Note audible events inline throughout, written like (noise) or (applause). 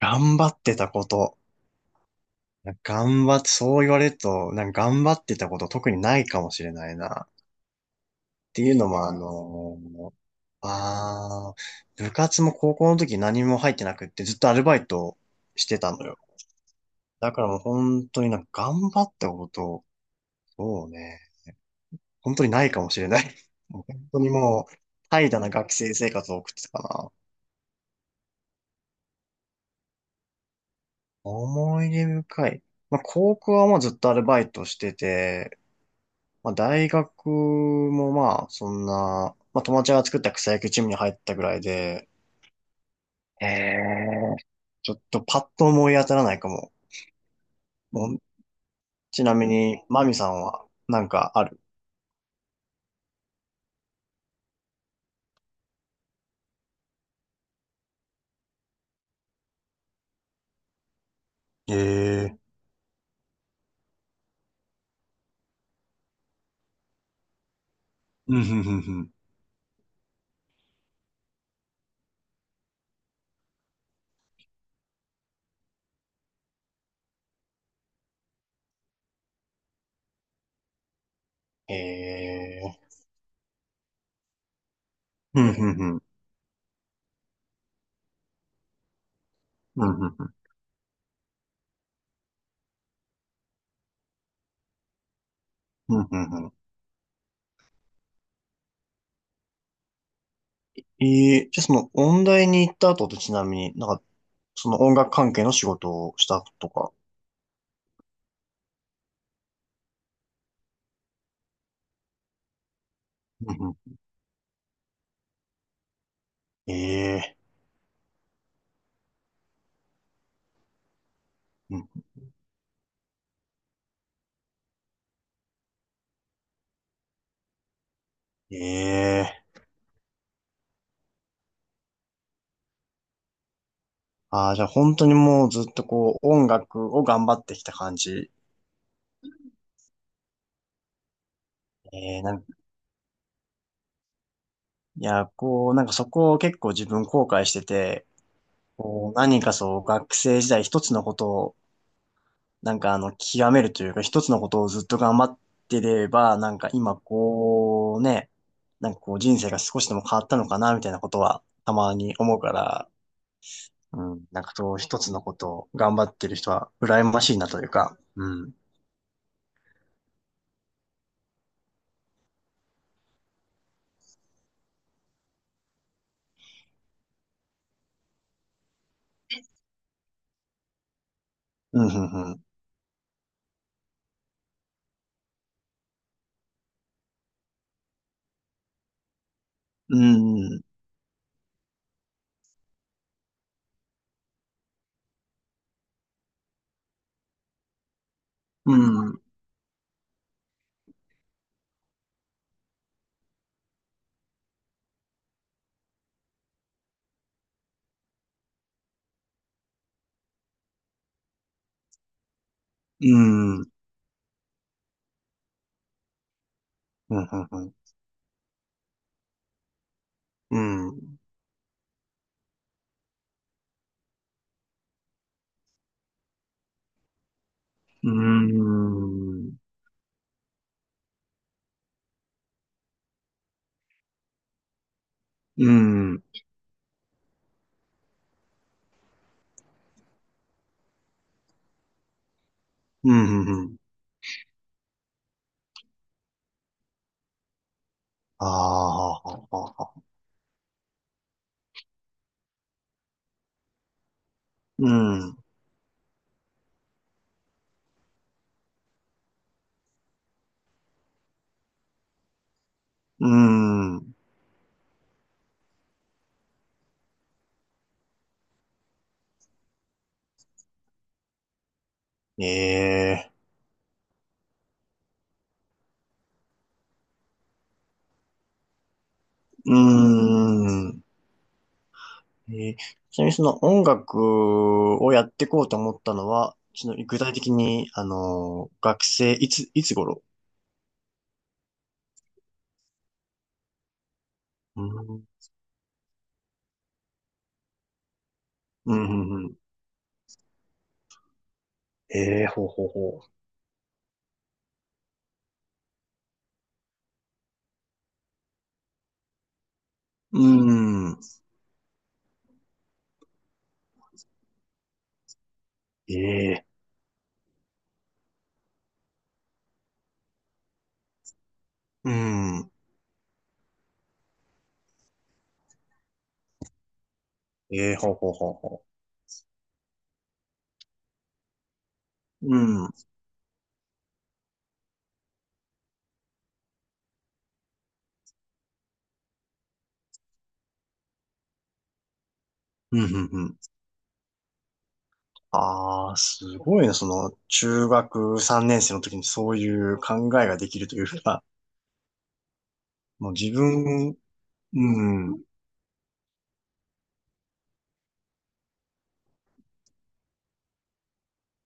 頑張ってたこと。頑張って、そう言われると、なんか頑張ってたこと特にないかもしれないな。っていうのも、あ部活も高校の時何も入ってなくってずっとアルバイトしてたのよ。だからもう本当になんか頑張ったこと、そうね、本当にないかもしれない。(laughs) もう本当にもう、怠惰な学生生活を送ってたかな。思い出深い。まあ、高校はもうずっとアルバイトしてて、まあ、大学もまあ、そんな、まあ、友達が作った草野球チームに入ったぐらいで、へえ。ちょっとパッと思い当たらないかも。もう、ちなみに、マミさんはなんかある？ええ。うん、ふんふんふん。ええ、うん、ふんふん。うん、ふんふん。うんふんふん。ええ、じゃあその、音大に行った後ってちなみになんか、その音楽関係の仕事をしたとか。うんふん。ええ。うん。ええ。ああ、じゃあ本当にもうずっとこう音楽を頑張ってきた感じ。えー、なんいや、こう、なんかそこを結構自分後悔してて、こう何かそう学生時代一つのことを、極めるというか一つのことをずっと頑張ってれば、なんか今こうね、なんかこう人生が少しでも変わったのかなみたいなことはたまに思うから、うん、なんかそう一つのことを頑張ってる人は羨ましいなというか、うん、うん、うん、うん、うん、うん。うん。うん、うん、うん。うん。うん。うん。うん。ああ、はははは。うん。うん。ええ。うん。えー、ちなみにその音楽をやっていこうと思ったのは、その具体的に、あの、学生、いつ頃？うん。うん。うん。ええ、ほうほうほう。うん。ええ。うん。ええ、ほうほうほうほう。うん。うん。うん。ああ、すごいね。その、中学3年生の時にそういう考えができるというか、もう自分、うん、うん、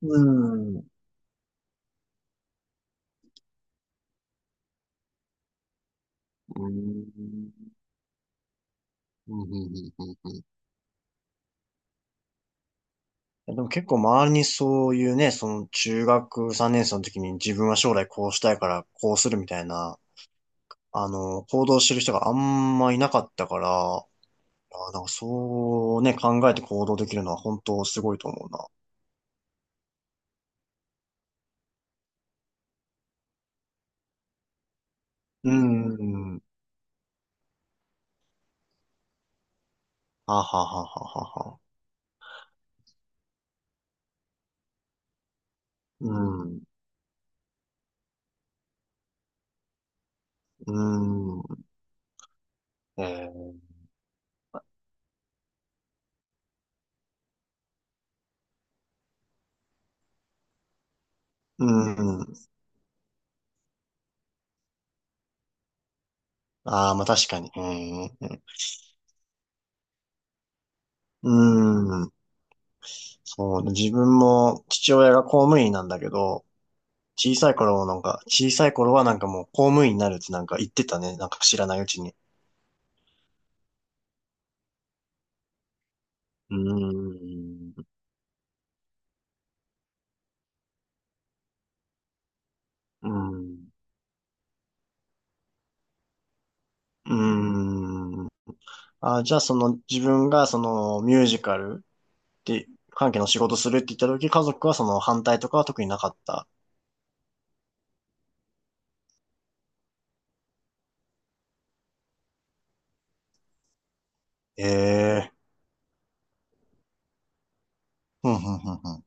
うん、うん、うん、うんうん。でも結構周りにそういうね、その中学3年生の時に自分は将来こうしたいからこうするみたいな、行動してる人があんまいなかったから、あー、なんかそうね、考えて行動できるのは本当すごいと思うな。うん、はははははは。うん、うーん。えー、うーん。ああ、まあ確かに。うん。うん。そうね、自分も父親が公務員なんだけど、小さい頃もなんか、小さい頃はなんかもう公務員になるってなんか言ってたね。なんか知らないうちに。うーん。うーん。うーん。あ、じゃあその自分がそのミュージカルで関係の仕事するって言った時、家族はその反対とかは特になかった？ええー。ふんふんふんふん。は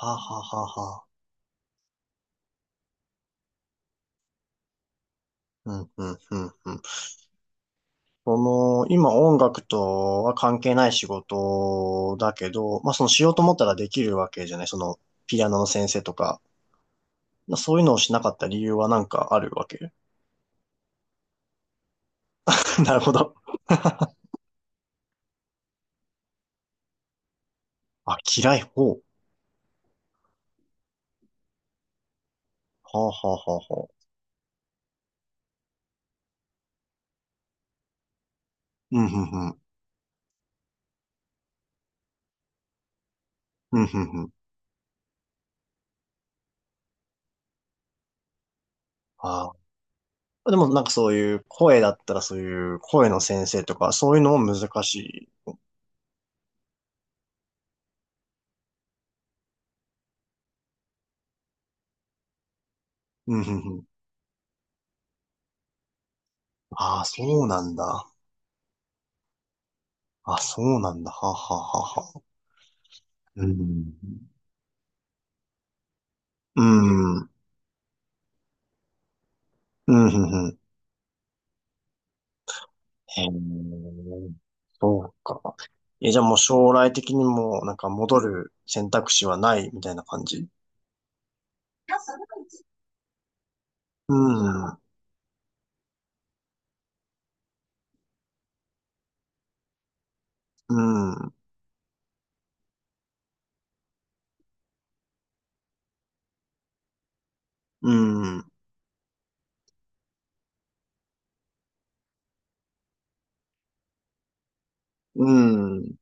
あはあはあはあ。うん、うん、うん、うん。その、今音楽とは関係ない仕事だけど、まあそのしようと思ったらできるわけじゃない。その、ピアノの先生とか。まあそういうのをしなかった理由はなんかあるわけ？ (laughs) なるほど。(laughs) あ、嫌い方。はあ、はあ、はあ、はあ。うん、うん、うん。うん、うん、うん。ああ。でもなんかそういう声だったらそういう声の先生とか、そういうのも難しい？うん、うん、うん。ああ、そうなんだ。あ、そうなんだ。はあ、はあ、はあ、はあ。うん。うんうん、うん、うん。へえ、そうか。え、じゃあもう将来的にも、なんか戻る選択肢はないみたいな感じ？うん、うん、うん、うん。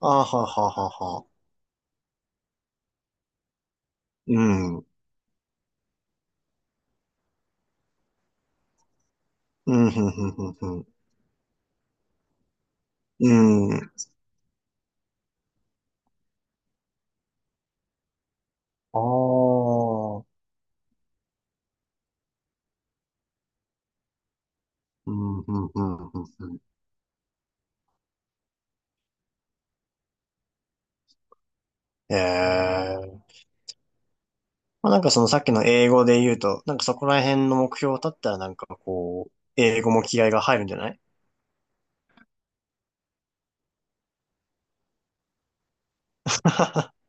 あはははは。うん、うん、うん、うん、うん。うんうん。ああ、うん、うん、うん、うんうんうんうん。ええー。まあ、なんかそのさっきの英語で言うと、なんかそこら辺の目標を立ったらなんかこう、英語も気合が入るんじゃない？ (laughs)